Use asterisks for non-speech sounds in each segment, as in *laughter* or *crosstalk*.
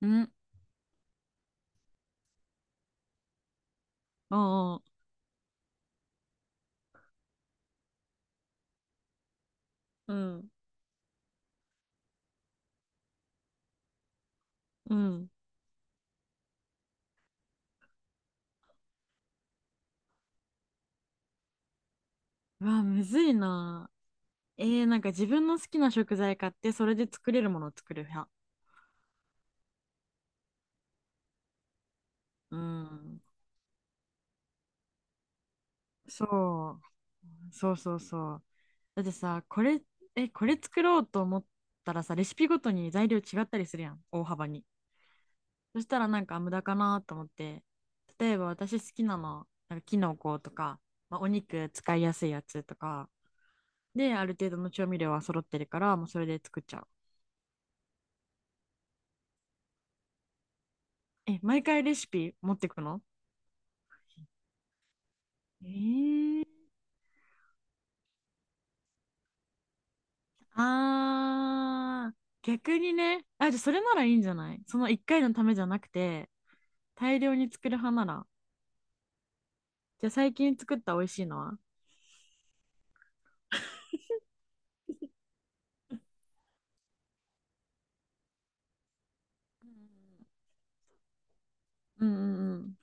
ん。おう。うん。うん。うわ、むずいな。なんか自分の好きな食材買って、それで作れるものを作る派。うん。そう。そうそうそう。だってさ、これ作ろうと思ったらさ、レシピごとに材料違ったりするやん、大幅に。そしたらなんか無駄かなと思って、例えば私好きなの、なんかキノコとか、まあ、お肉使いやすいやつとか、で、ある程度の調味料は揃ってるから、もうそれで作っちゃう。え、毎回レシピ持ってくの？えー、あー、逆にね、あ、じゃあそれならいいんじゃない？その一回のためじゃなくて、大量に作る派なら。じゃあ最近作った美味しいのは？うん、うん、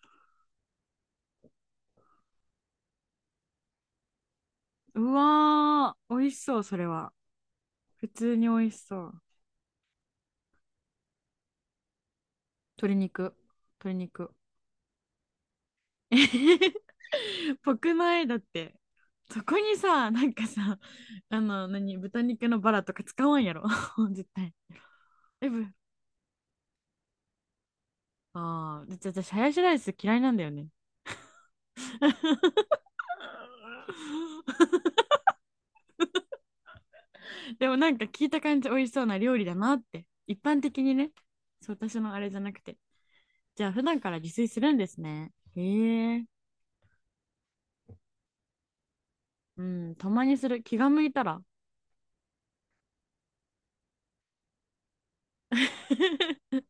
うん。うわー、美味しそう、それは。普通に美味しそう。鶏肉、鶏肉。*laughs* えへへ、ぽくないだって。そこにさ、なんかさ、何、豚肉のバラとか使わんやろ。*laughs* 絶対。え、ぶああ、で私、ハヤシライス嫌いなんだよね。*laughs* でもなんか聞いた感じ美味しそうな料理だなって。一般的にね。そう、私のあれじゃなくて。じゃあ普段から自炊するんですね。へえ。うん、たまにする。気が向いたら。*laughs*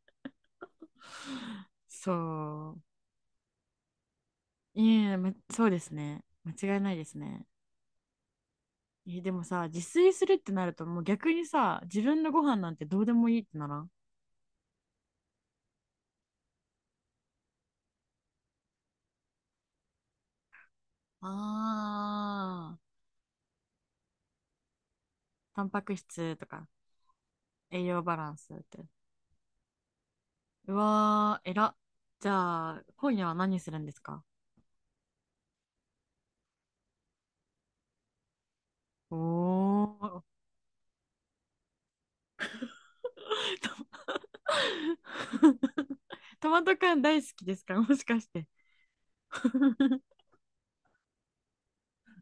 そう。いえ、ま、そうですね。間違いないですね。え、でもさ、自炊するってなると、もう逆にさ、自分のご飯なんてどうでもいいってならん？ああー、タンパク質とか、栄養バランスって。うわー、えら。じゃあ、今夜は何するんですか？おー。*laughs* トマト缶大好きですか、もしかして？*laughs*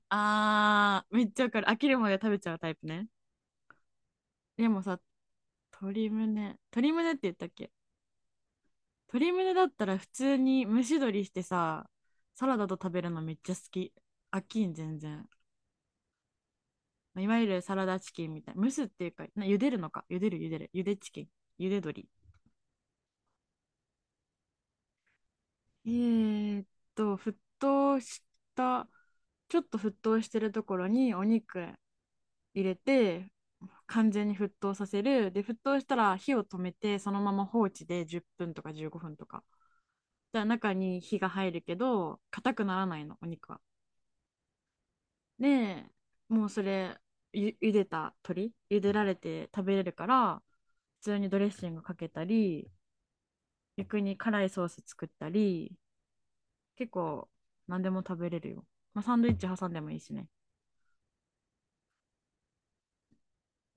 あー、めっちゃわかる。飽きるまで食べちゃうタイプね。でもさ、鶏胸。鶏胸って言ったっけ？鶏胸だったら普通に蒸し鶏してさ、サラダと食べるのめっちゃ好き。飽きん、全然。いわゆるサラダチキンみたいな。蒸すっていうか、茹でるのか。茹でる、茹でる。茹でチキン。茹で鶏。えーっ沸騰した、ちょっと沸騰してるところにお肉入れて、完全に沸騰させる。で、沸騰したら火を止めて、そのまま放置で10分とか15分とか。じゃ中に火が入るけど、硬くならないの、お肉は。で、もうそれ、茹でた鶏、茹でられて食べれるから、普通にドレッシングかけたり、逆に辛いソース作ったり、結構何でも食べれるよ。まあ、サンドイッチ挟んでもいいしね。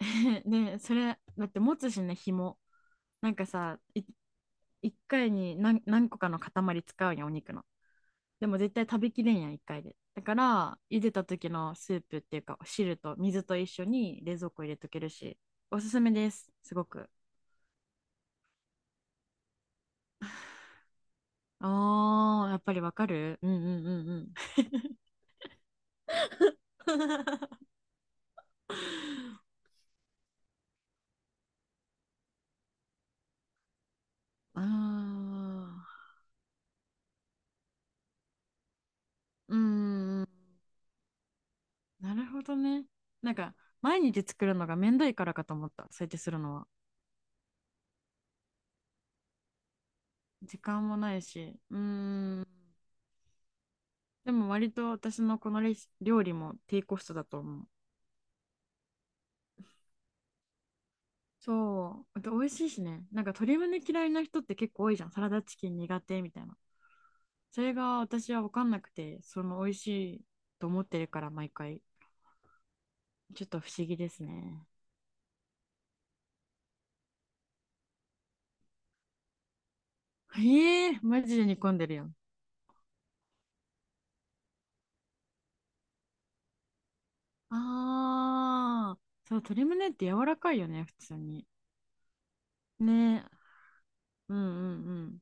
*laughs* ね、それだって持つしね、紐。なんかさい、1回に何、何個かの塊使うやん、お肉の。でも絶対食べきれんやん、1回で。だから茹でた時のスープっていうか汁と、水と一緒に冷蔵庫入れとけるし。おすすめです、すごく。あー、やっぱりわかる。うん、うん、うん、うん。 *laughs* あー、うーん、なるほどね。なんか、毎日作るのがめんどいからかと思った。そうやってするのは。時間もないし。うーん。でも割と私のこの料理も低コストだと思う。そう。あと美味しいしね。なんか鶏胸嫌いな人って結構多いじゃん。サラダチキン苦手みたいな。それが私は分かんなくて、その美味しいと思ってるから毎回。ちょっと不思議ですね。ええー、マジで煮込んでるやん。ああ、そう、鶏胸って柔らかいよね、普通に。ねえ、うん、うん、うん。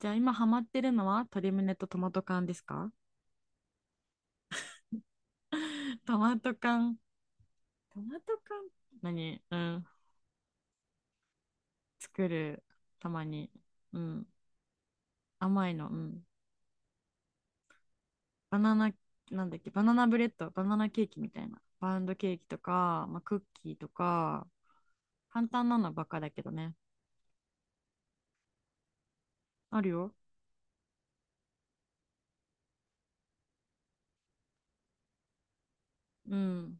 じゃあ今ハマってるのは鶏胸とトマト缶ですか？ *laughs* トマト缶。トマト缶、何？うん。作る。たまに。うん。甘いの。うん。バナナ、なんだっけ、バナナブレッド、バナナケーキみたいな。パウンドケーキとか、まあ、クッキーとか、簡単なのばっかだけどね。あるよ。うん。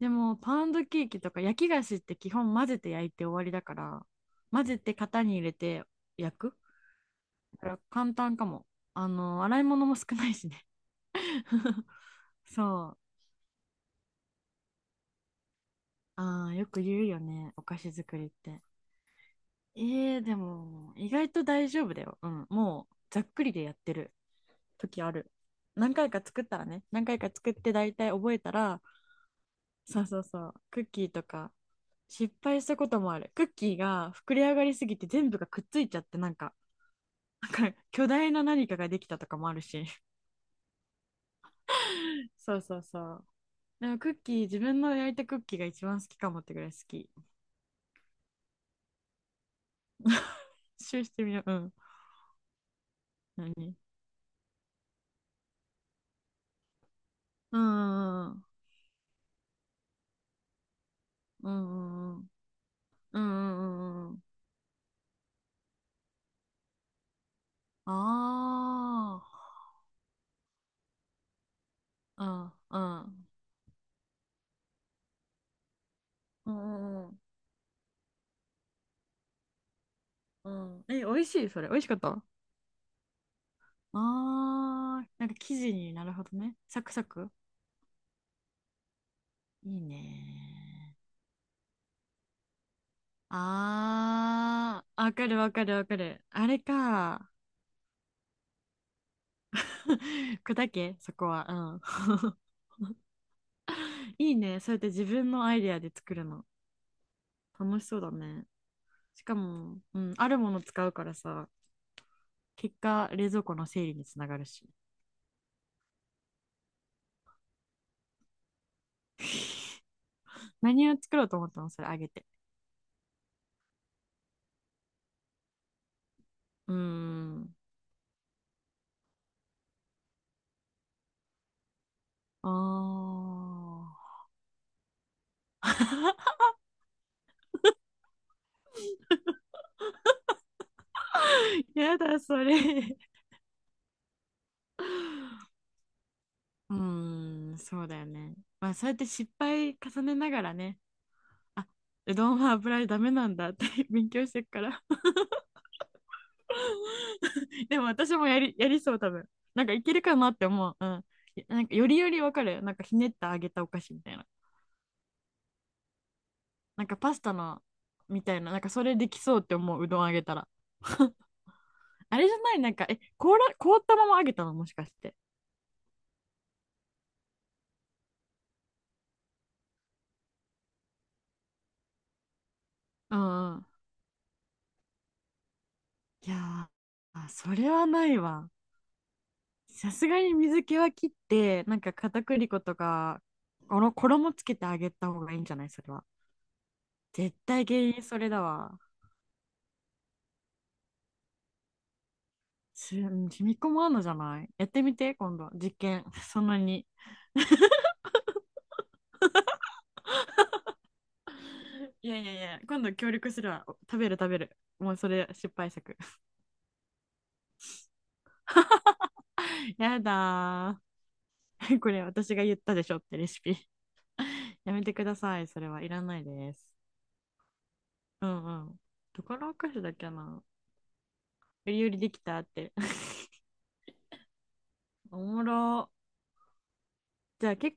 でも、パウンドケーキとか焼き菓子って基本混ぜて焼いて終わりだから、混ぜて型に入れて焼くから簡単かも。洗い物も少ないしね *laughs*。そう。ああ、よく言うよね。お菓子作りって。でも、意外と大丈夫だよ。うん。もう、ざっくりでやってる時ある。何回か作ったらね、何回か作って大体覚えたら、そうそうそう、クッキーとか、失敗したこともある。クッキーが膨れ上がりすぎて全部がくっついちゃって、なんか、巨大な何かができたとかもあるし。*laughs* そうそうそう。でもクッキー、自分の焼いたクッキーが一番好きかもってぐらい好き。一周してみよう。うん。何、うん、うん、うん、うん、うん、うん、うん、うん、うん、うん。ああ。うん、うん、うん、うん、うん。え、美味しいそれ。美味しかった？ああー、なんか生地になるほどね。サクサク。いいね。ああ、わかる、わかる、わかる。あれか。*laughs* 砕け、そこは。うん。*laughs* いいね。そうやって自分のアイデアで作るの。楽しそうだね。しかも、うん、あるもの使うからさ、結果、冷蔵庫の整理につながるし。何を作ろうと思ったの、それあげて？うーん。あー。*laughs* やだ、それ。うーん、そうだよね。まあ、そうやって失敗重ねながらね、あ、うどんは油でダメなんだって *laughs* 勉強してるから。*laughs* でも私もやりそう、多分。なんかいけるかなって思う。うん。なんかよりよりわかる。なんかひねってあげたお菓子みたいな。なんかパスタのみたいな、なんかそれできそうって思う、うどんあげたら。*laughs* あれじゃないなんか、え、凍ら、凍ったままあげたの、もしかして？うん、うん。いやー、あ、それはないわ。さすがに水気は切って、なんか片栗粉とか、この衣つけてあげた方がいいんじゃない、それは？絶対原因それだわ。うん、染み込まんのじゃない？やってみて、今度。実験。*laughs* そんなに。いやいやいや、今度協力するわ。食べる、食べる。もうそれ失敗作。*laughs* やだー。*laughs* これ私が言ったでしょってレシピ *laughs*。やめてください。それはいらないです。うん、うん。どこのお菓子だっけな。売り売りできたって *laughs*。おもろ。じゃあ結